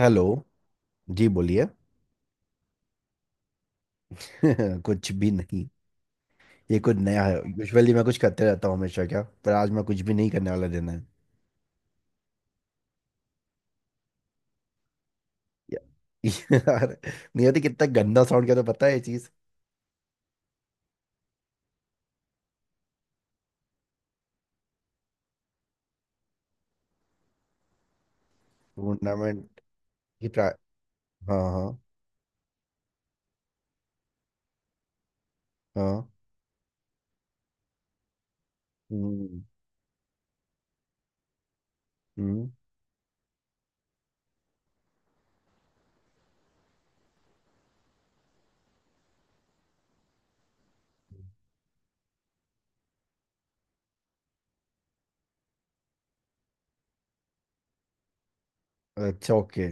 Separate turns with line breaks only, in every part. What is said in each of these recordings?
Hello. जी बोलिए। कुछ भी नहीं। ये कुछ नया है। यूजुअली मैं कुछ करते रहता हूँ हमेशा क्या, पर आज मैं कुछ भी नहीं करने वाला दिन है। या- यार, नहीं होती कितना गंदा साउंड किया, तो पता है ये चीज टूर्नामेंट की हाँ हाँ। हाँ। हम्म। हम्म। अच्छा, ओके।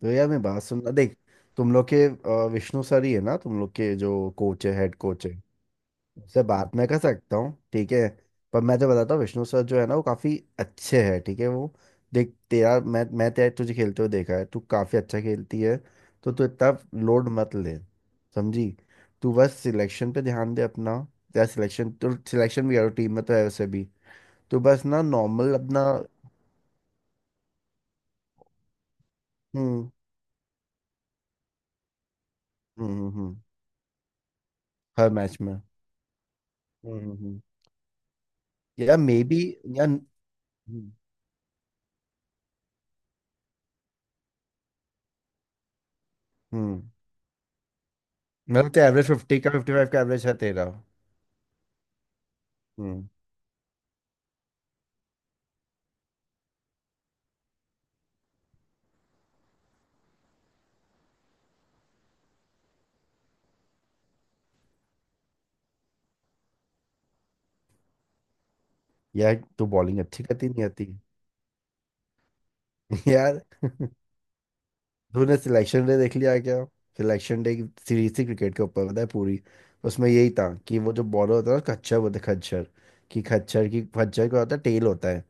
तो यार, मैं बात सुनना देख। तुम लोग के विष्णु सर ही है ना, तुम लोग के जो कोच है, हेड कोच है। उससे बात मैं कर सकता हूँ, ठीक है। पर मैं तो बताता हूँ विष्णु सर जो है ना वो काफ़ी अच्छे हैं, ठीक है। वो देख, तेरा मैं तेरा तुझे खेलते हुए देखा है, तू काफ़ी अच्छा खेलती है। तो तू इतना लोड मत ले, समझी। तू बस सिलेक्शन पे ध्यान दे अपना। तेरा सिलेक्शन तो सिलेक्शन भी करो, टीम में तो है वैसे भी। तू बस ना नॉर्मल अपना। हम्म हम्म। हर मैच में। हम्म हम्म हम्म। या मे बी। या। हम्म हम्म, मतलब तेरा एवरेज 50 का, 55 का एवरेज है तेरा। हम्म। यार, तू बॉलिंग अच्छी करती नहीं आती। यार, तूने सिलेक्शन डे देख लिया क्या? सिलेक्शन डे की सीरीज थी क्रिकेट के ऊपर, पता है पूरी। उसमें यही था कि वो जो बॉलर होता है ना, खच्चर बोलते हैं, खच्चर। कि खच्चर की, खच्चर का होता है, टेल होता है।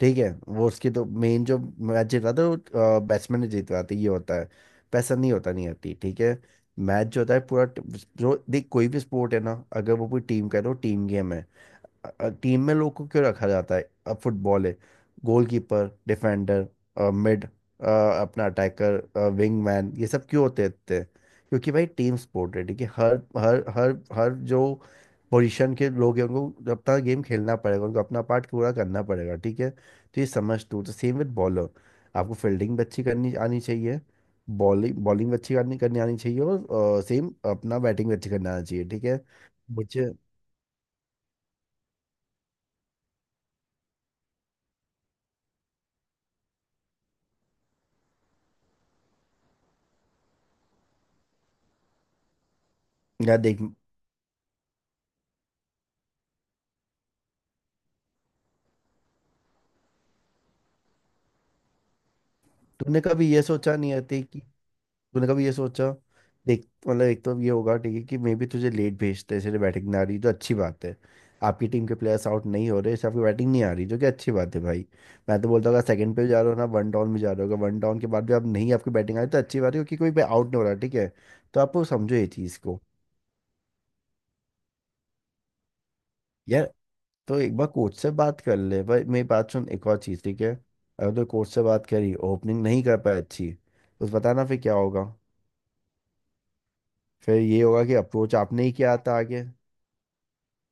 ठीक है, वो उसकी तो मेन जो मैच जीत रहा था वो बैट्समैन ने जीत रहा था, ये होता है। पैसा नहीं होता, नहीं आती, ठीक है। मैच जो होता है पूरा जो देख, कोई भी स्पोर्ट है ना, अगर वो पूरी टीम का है तो टीम गेम है। टीम में लोग को क्यों रखा जाता है? अब फुटबॉल है, गोलकीपर, डिफेंडर, मिड, अपना अटैकर, विंगमैन, ये सब क्यों होते थे? क्योंकि भाई टीम स्पोर्ट है, ठीक है। हर हर हर हर जो पोजीशन के लोग हैं उनको अपना गेम खेलना पड़ेगा, उनको अपना पार्ट पूरा करना पड़ेगा, ठीक है। तो ये समझ तू, तो सेम विद बॉलर। आपको फील्डिंग भी अच्छी करनी आनी चाहिए, बॉलिंग बॉलिंग भी अच्छी करनी करनी आनी चाहिए, और सेम अपना बैटिंग भी अच्छी करनी आनी चाहिए, ठीक है। मुझे। यार देख, तूने कभी ये सोचा नहीं आती कि, तूने कभी ये सोचा, देख मतलब एक तो ये होगा ठीक है, कि मे बी तुझे लेट भेजते हैं इसलिए बैटिंग नहीं आ रही, जो अच्छी बात है। आपकी टीम के प्लेयर्स आउट नहीं हो रहे, इससे आपकी बैटिंग नहीं आ रही, जो कि अच्छी बात है भाई। मैं तो बोलता हूँ, अगर सेकंड पे भी जा रहे हो ना, वन डाउन भी जा रहे हो, वन डाउन के बाद भी आप नहीं, आपकी बैटिंग आ रही, तो अच्छी बात है क्योंकि कोई आउट नहीं हो रहा, ठीक है। तो आप वो समझो ये चीज़ को। यार, तो एक बार कोच से बात कर ले भाई, मेरी बात सुन, एक और चीज़ ठीक है। अगर तो कोच से बात करी, ओपनिंग नहीं कर पाए अच्छी, तो बताना फिर क्या होगा। फिर ये होगा कि अप्रोच आपने ही किया था आगे।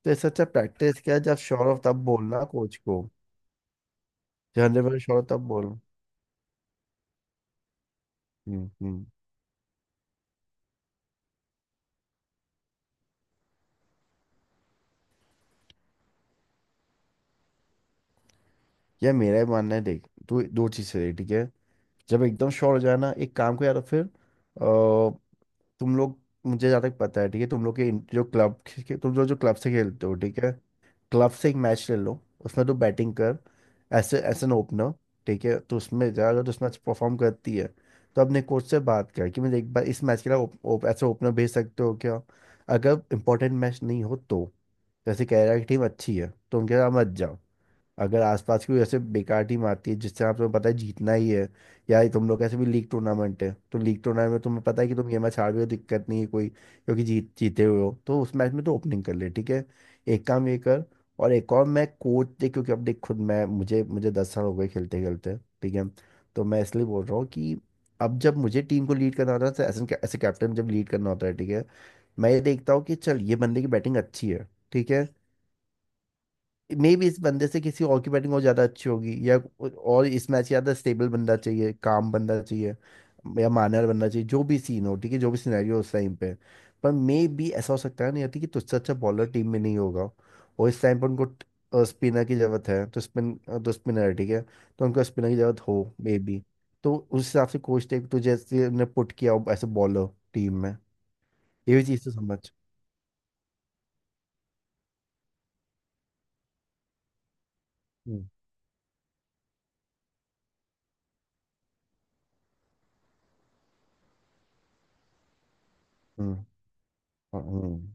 तो इससे अच्छा प्रैक्टिस किया, जब श्योर हो तब बोलना कोच को। जब 100% श्योर हो तब बोलो। हम्म। यह मेरा ही मानना है देख, तू दो चीज़ें देख ठीक है। जब एकदम श्योर हो जाए ना एक काम को, यार फिर तुम लोग, मुझे जहाँ तक पता है ठीक है, तुम लोग के जो क्लब, तुम लोग जो क्लब से खेलते हो ठीक है। क्लब से एक मैच ले लो, उसमें तो बैटिंग कर, ऐसे एज एन ओपनर, ठीक है। तो उसमें जा, अगर तो उस मैच परफॉर्म करती है, तो अपने कोच से बात कर कि मुझे एक बार इस मैच के लिए ओप, ओप, ऐसे ओपनर भेज सकते हो क्या। अगर इंपॉर्टेंट मैच नहीं हो तो, जैसे कह रहा है कि टीम अच्छी है तो उनके साथ मत जाओ। अगर आसपास की कोई ऐसे बेकार टीम आती है जिससे आप, तुम्हें पता है जीतना ही है, या ये तुम लोग ऐसे भी लीग टूर्नामेंट है, तो लीग टूर्नामेंट में तुम्हें पता है कि तुम ये मैच हार भी हो, दिक्कत नहीं है कोई, क्योंकि जीत, जीते हुए हो, तो उस मैच में तो ओपनिंग कर ले ठीक है। एक काम ये कर। और एक और, मैं कोच, देख क्योंकि अब देख खुद मैं, मुझे मुझे 10 साल हो गए खेलते खेलते, ठीक है। तो मैं इसलिए बोल रहा हूँ कि, अब जब मुझे टीम को लीड करना होता है, तो ऐसे, ऐसे कैप्टन जब लीड करना होता है ठीक है, मैं ये देखता हूँ कि चल, ये बंदे की बैटिंग अच्छी है ठीक है, मे भी इस बंदे से किसी और की बैटिंग और ज्यादा अच्छी होगी, या और इस मैच ज्यादा स्टेबल बंदा चाहिए, काम बंदा चाहिए, या मानर बंदा चाहिए, जो भी सीन हो ठीक है, जो भी सिनेरियो हो उस टाइम पे। पर मे भी ऐसा हो सकता है नहीं आती कि तुझसे अच्छा बॉलर टीम में नहीं होगा, और इस टाइम पर उनको स्पिनर की जरूरत है, तो स्पिन, तो स्पिनर है ठीक है, तो उनको स्पिनर की जरूरत हो मे बी, तो उस हिसाब से कोच ने तुझे ऐसे ने पुट किया हो ऐसे बॉलर टीम में। ये भी चीज़ तो समझ। हम्म हम्म हम्म।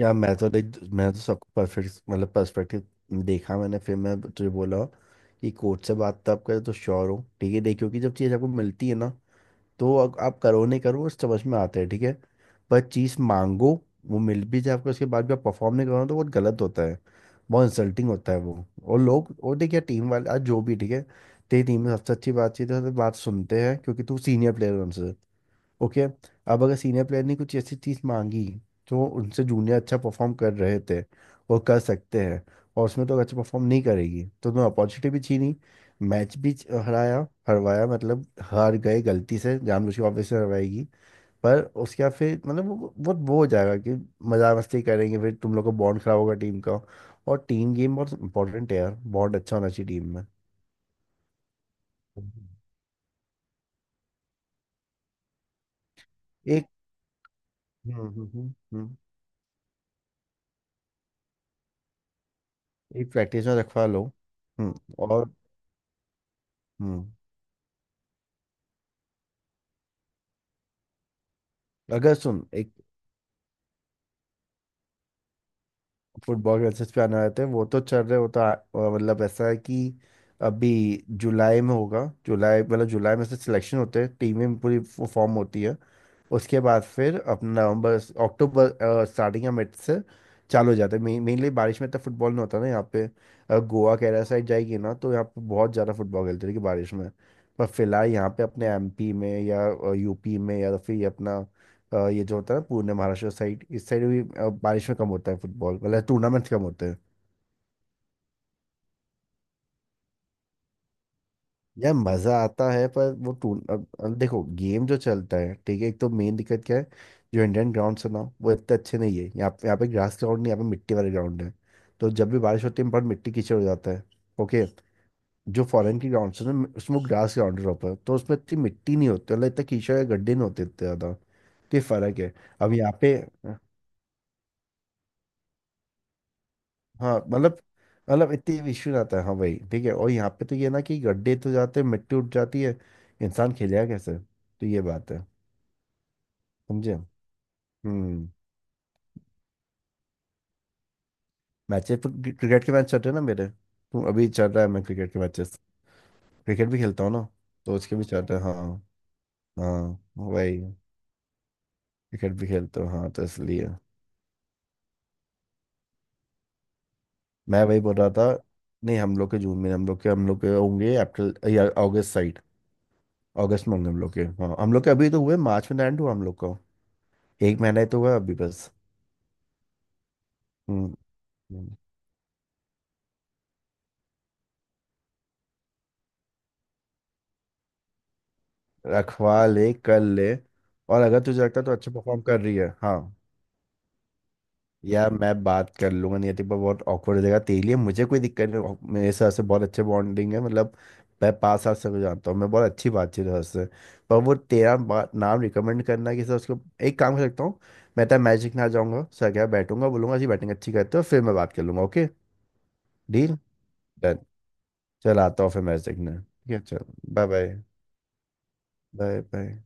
या मैं तो लाइक, मैं तो सबको परफेक्ट मतलब पर्सपेक्टिव देखा मैंने, फिर मैं तुझे बोला कि कोच से बात तो आप करें, तो श्योर हो ठीक है, देखियो कि जब चीज़ आपको मिलती है ना, तो आप करो नहीं करो, उस समझ में आता है ठीक है। पर चीज़ मांगो, वो मिल भी जाए आपको, उसके बाद भी आप परफॉर्म नहीं करो, तो बहुत गलत होता है, बहुत इंसल्टिंग होता है वो। और लोग, और देखिए टीम वाले आज जो भी ठीक है। तेरी टीम में सबसे अच्छी बातचीत है, तो बात सुनते हैं क्योंकि तू सीनियर प्लेयर है उनसे। ओके, अब अगर सीनियर प्लेयर ने कुछ ऐसी चीज़ मांगी जो उनसे जूनियर अच्छा परफॉर्म कर रहे थे और कर सकते हैं, और उसमें तो अच्छा परफॉर्म नहीं करेगी, तो उन्होंने अपॉर्चुनिटी भी छीनी, मैच भी हराया, हरवाया, मतलब हार गए, गलती से जानबूझ के वापस से हरवाएगी। पर उसके बाद फिर मतलब वो बहुत वो हो जाएगा कि, मजा मस्ती करेंगे, फिर तुम लोग का बॉन्ड खराब होगा टीम का, और टीम गेम बहुत इंपॉर्टेंट है यार, बॉन्ड अच्छा होना चाहिए टीम में। हम्म। एक। हम्म। हम्म, एक प्रैक्टिस में रखवा लो। हम्म। और। हम्म। अगर सुन एक, फुटबॉल के एसेस पे आना रहते हैं, वो तो चल रहे वो तो मतलब ऐसा है कि, अभी जुलाई में होगा, जुलाई मतलब जुलाई में से सिलेक्शन होते हैं, टीमें पूरी फॉर्म होती है। उसके बाद फिर अपना नवंबर, अक्टूबर स्टार्टिंग या मिड से चालू हो जाता है मेनली। बारिश में तो फुटबॉल नहीं होता ना यहाँ पे। गोवा केरला साइड जाएगी ना, तो यहाँ पे बहुत ज़्यादा फुटबॉल खेलते हैं कि बारिश में। पर फिलहाल यहाँ पे अपने एमपी में, या यूपी में, या फिर ये अपना ये जो होता है ना पुणे महाराष्ट्र साइड, इस साइड भी बारिश में कम होता है फुटबॉल, मतलब टूर्नामेंट्स कम होते हैं। यार मजा आता है, पर वो टूर अब देखो गेम जो चलता है ठीक है, एक तो मेन दिक्कत क्या है, जो इंडियन ग्राउंड है ना, वो इतने अच्छे नहीं है यहाँ पे। यहाँ पे ग्रास ग्राउंड नहीं, यहाँ पे मिट्टी वाले ग्राउंड है। तो जब भी बारिश होती है, बहुत मिट्टी कीचड़ हो जाता है। ओके। जो फॉरेन की ग्राउंड है ना, उसमें ग्रास ग्राउंड है proper, तो उसमें इतनी मिट्टी नहीं होती, मतलब इतना कीचड़ या गड्ढे नहीं होते इतने ज्यादा। तो ये फर्क है। अब यहाँ पे। हाँ मतलब, मतलब इतने इश्यू नहीं आता है, हाँ भाई ठीक है। और यहाँ पे तो ये ना, कि गड्ढे तो जाते हैं, मिट्टी उठ जाती है, इंसान खेलेगा कैसे, तो ये बात है। समझे। हम्म। मैचेस, क्रिकेट के मैच चल रहे हैं ना मेरे तो, अभी चल रहा है मैं क्रिकेट के मैचेस। क्रिकेट भी खेलता हूँ ना, तो उसके भी चल रहे हैं हाँ। हाँ वही। क्रिकेट भी खेलता हूँ हाँ, तो इसलिए। मैं वही बोल रहा था, नहीं हम लोग के जून में, हम लोग के होंगे अप्रैल या अगस्त साइड। अगस्त में होंगे हम लोग के हाँ, हम लोग के अभी तो हुए, मार्च में लैंड हुआ हम लोग को। एक महीना ही तो हुआ अभी बस। हम्म हम्म। रखवा ले, कर ले। और अगर तुझे लगता है तो अच्छा परफॉर्म कर रही है, हाँ। यार मैं बात कर लूंगा नियति, पर बहुत ऑकवर्ड हो जाएगा तेरे लिए, मुझे कोई दिक्कत नहीं मेरे साथ से बहुत अच्छे बॉन्डिंग है मतलब। मैं 5 साल से को जानता हूँ मैं, बहुत अच्छी बातचीत है उससे। पर वो तेरा नाम रिकमेंड करना कि सर उसको, एक काम कर सकता हूँ। मैं तो मैजिक ना जाऊँगा सर, क्या बैठूंगा बोलूंगा जी बैटिंग अच्छी करते हो, फिर मैं बात कर लूंगा ओके। Deal done. चल आता हूँ फिर मैजिक ने, ठीक है चल। Bye bye. Bye bye.